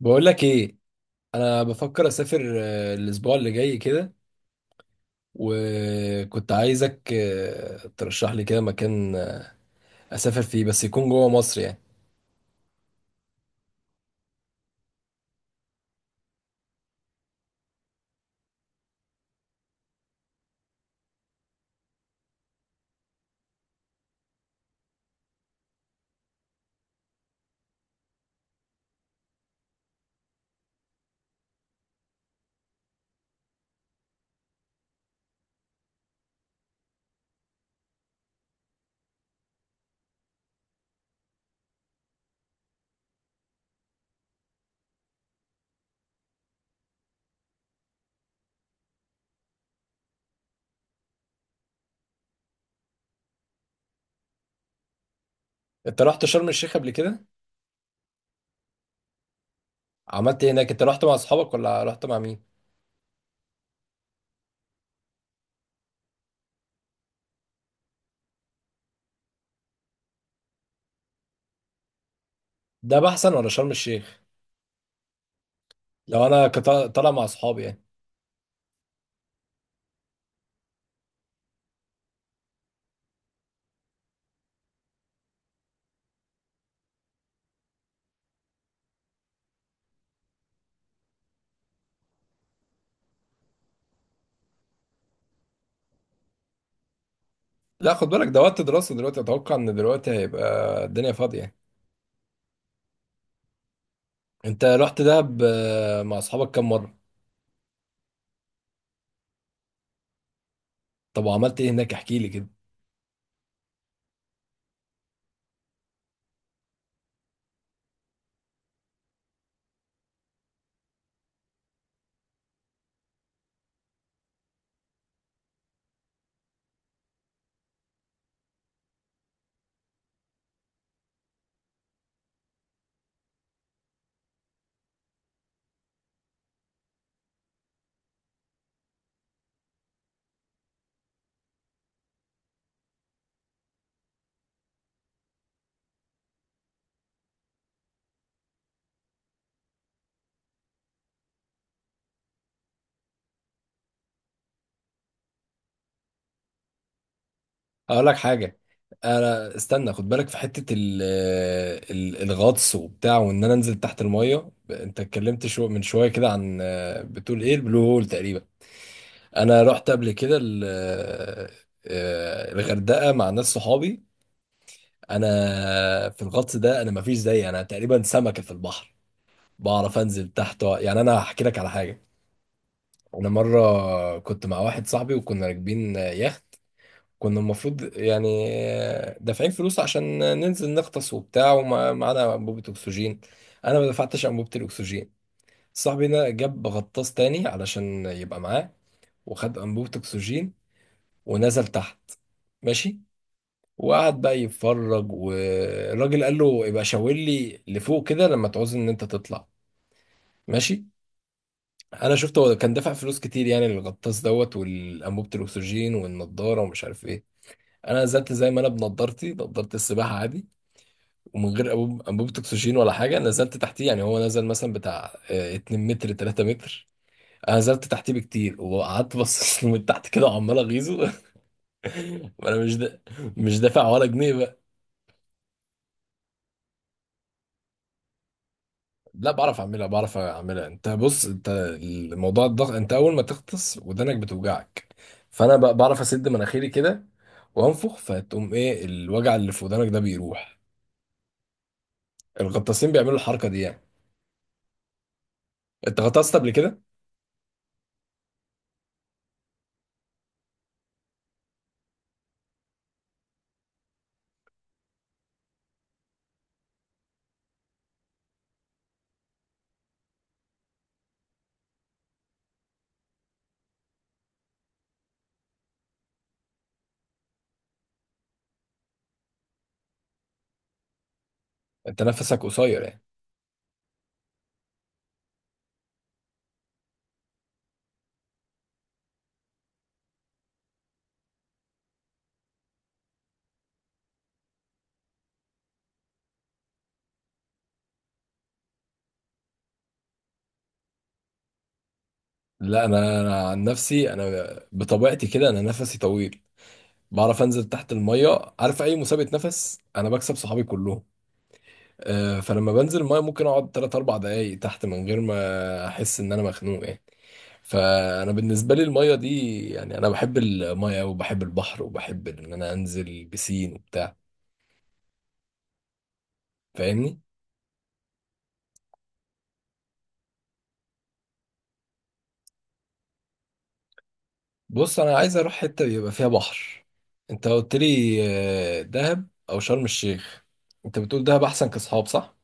بقول لك ايه. انا بفكر اسافر الاسبوع اللي جاي كده. وكنت عايزك ترشح لي كده مكان اسافر فيه، بس يكون جوه مصر يعني. انت رحت شرم الشيخ قبل كده؟ عملت ايه هناك؟ انت رحت مع اصحابك ولا رحت مع مين؟ ده احسن ولا شرم الشيخ؟ لو انا كنت طالع مع اصحابي يعني. لا، خد بالك ده وقت دراسة دلوقتي، اتوقع ان دلوقتي هيبقى الدنيا فاضية. انت رحت دهب مع اصحابك كام مرة؟ طب وعملت ايه هناك؟ احكي لي كده. اقول لك حاجه. انا استنى، خد بالك في حته ال الغطس وبتاع، وان انا انزل تحت الميه. انت اتكلمت شو من شويه كده عن، بتقول ايه؟ البلو هول تقريبا. انا رحت قبل كده الغردقه مع ناس صحابي. انا، في الغطس ده انا مفيش زيي، انا تقريبا سمكه في البحر. بعرف انزل تحت. يعني انا هحكي لك على حاجه. انا مره كنت مع واحد صاحبي وكنا راكبين يخت. كنا المفروض يعني دافعين فلوس عشان ننزل نغطس وبتاع، ومعانا انبوبة اكسجين. انا ما دفعتش انبوبة الاكسجين. صاحبي ده جاب غطاس تاني علشان يبقى معاه، وخد انبوبة اكسجين ونزل تحت. ماشي. وقعد بقى يتفرج، والراجل قال له يبقى شاور لي لفوق كده لما تعوز ان انت تطلع. ماشي. انا شفته هو كان دافع فلوس كتير يعني للغطاس دوت والانبوبة الاكسجين والنضارة ومش عارف ايه. انا نزلت زي ما انا بنضارتي، نضارة السباحة عادي. ومن غير انبوبه اكسجين ولا حاجه، نزلت تحتيه. يعني هو نزل مثلا بتاع 2 متر 3 متر. انا نزلت تحتيه بكتير وقعدت بص له من تحت كده وعمال اغيظه. وانا مش دافع ولا جنيه بقى. لا، بعرف اعملها بعرف اعملها. انت بص، انت الموضوع الضغط، انت اول ما تغطس ودانك بتوجعك. فانا بقى بعرف اسد مناخيري كده وانفخ، فتقوم ايه الوجع اللي في ودانك ده بيروح. الغطاسين بيعملوا الحركه دي يعني. انت غطست قبل كده؟ انت نفسك قصير يعني؟ لا، انا عن نفسي، انا بطبيعتي كده انا نفسي طويل. بعرف انزل تحت الميه، عارف اي مسابقه نفس انا بكسب صحابي كلهم. فلما بنزل الميه ممكن اقعد 3 4 دقايق تحت من غير ما احس ان انا مخنوق يعني. فانا بالنسبه لي الميه دي يعني انا بحب الميه وبحب البحر وبحب ان انا انزل بسين وبتاع. فاهمني؟ بص، انا عايز اروح حته يبقى فيها بحر. انت قلت لي دهب او شرم الشيخ. انت بتقول دهب احسن كاصحاب، صح؟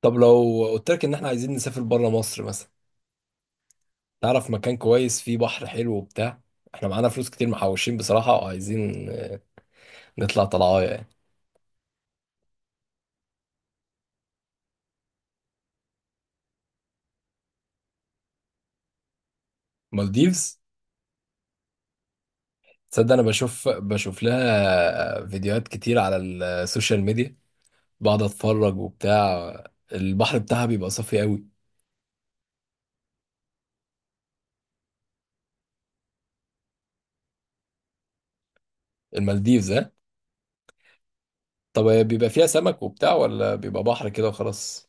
طب لو قلت لك ان احنا عايزين نسافر بره مصر مثلا، تعرف مكان كويس فيه بحر حلو وبتاع؟ احنا معانا فلوس كتير محوشين بصراحة، وعايزين نطلع طلعايه يعني. مالديفز؟ تصدق، انا بشوف لها فيديوهات كتير على السوشيال ميديا، بقعد اتفرج وبتاع. البحر بتاعها بيبقى صافي قوي. المالديفز، ها؟ طب هي بيبقى فيها سمك وبتاع ولا بيبقى بحر كده وخلاص؟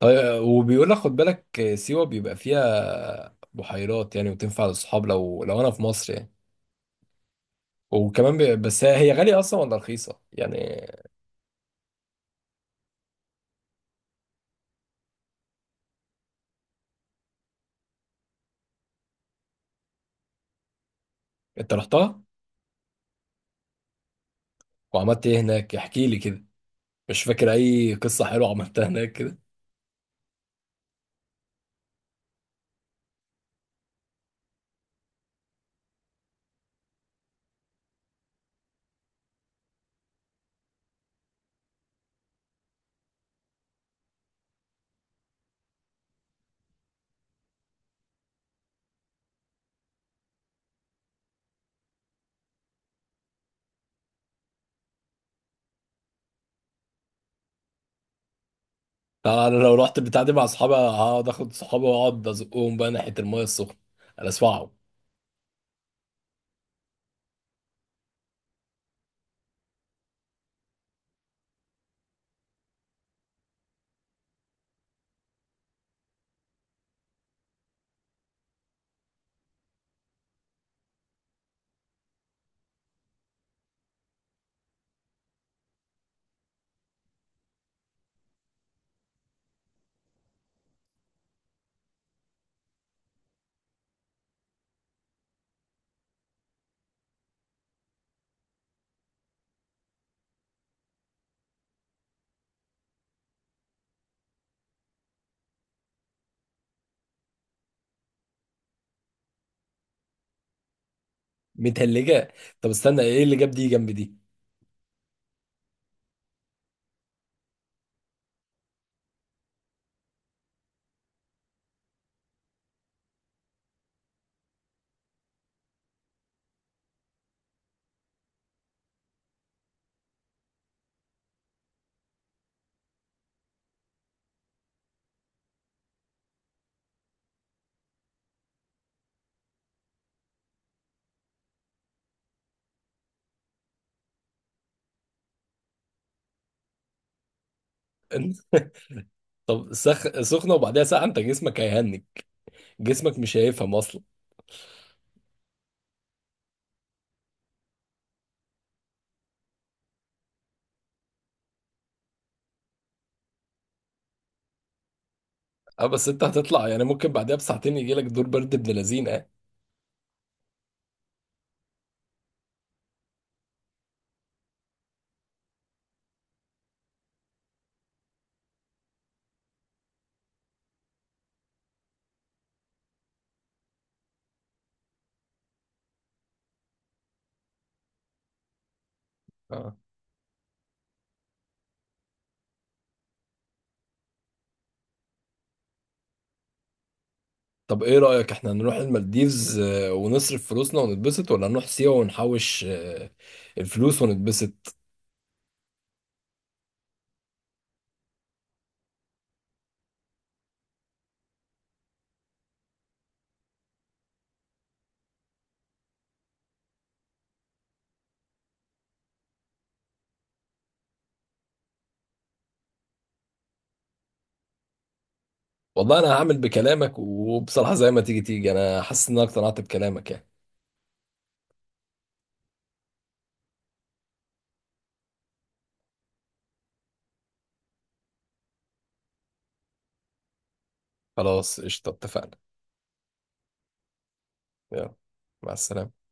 طيب، وبيقول لك خد بالك سيوة بيبقى فيها بحيرات يعني، وتنفع للصحاب لو انا في مصر يعني. وكمان بس هي غالية أصلا ولا رخيصة؟ يعني، أنت رحتها؟ وعملت إيه هناك؟ احكي لي كده. مش فاكر أي قصة حلوة عملتها هناك كده؟ طبعا أنا لو رحت البتاع دي مع أصحابي هقعد آخد صحابي وأقعد أزقهم بقى ناحية المية السخنة. أنا أسمعهم. متهلجة. طب استنى، إيه اللي جاب دي جنب دي؟ طب سخنة وبعدها ساعة أنت جسمك هيهنج. جسمك مش هيفهم أصلا. أه، بس أنت هتطلع يعني، ممكن بعدها بساعتين يجيلك دور برد ابن لذينة يعني. طب ايه رأيك، احنا نروح المالديفز ونصرف فلوسنا ونتبسط ولا نروح سيوة ونحوش الفلوس ونتبسط؟ والله انا هعمل بكلامك، وبصراحة زي ما تيجي تيجي انا حاسس ان انا اقتنعت بكلامك يعني. خلاص، قشطة، اتفقنا. يلا، مع السلامة.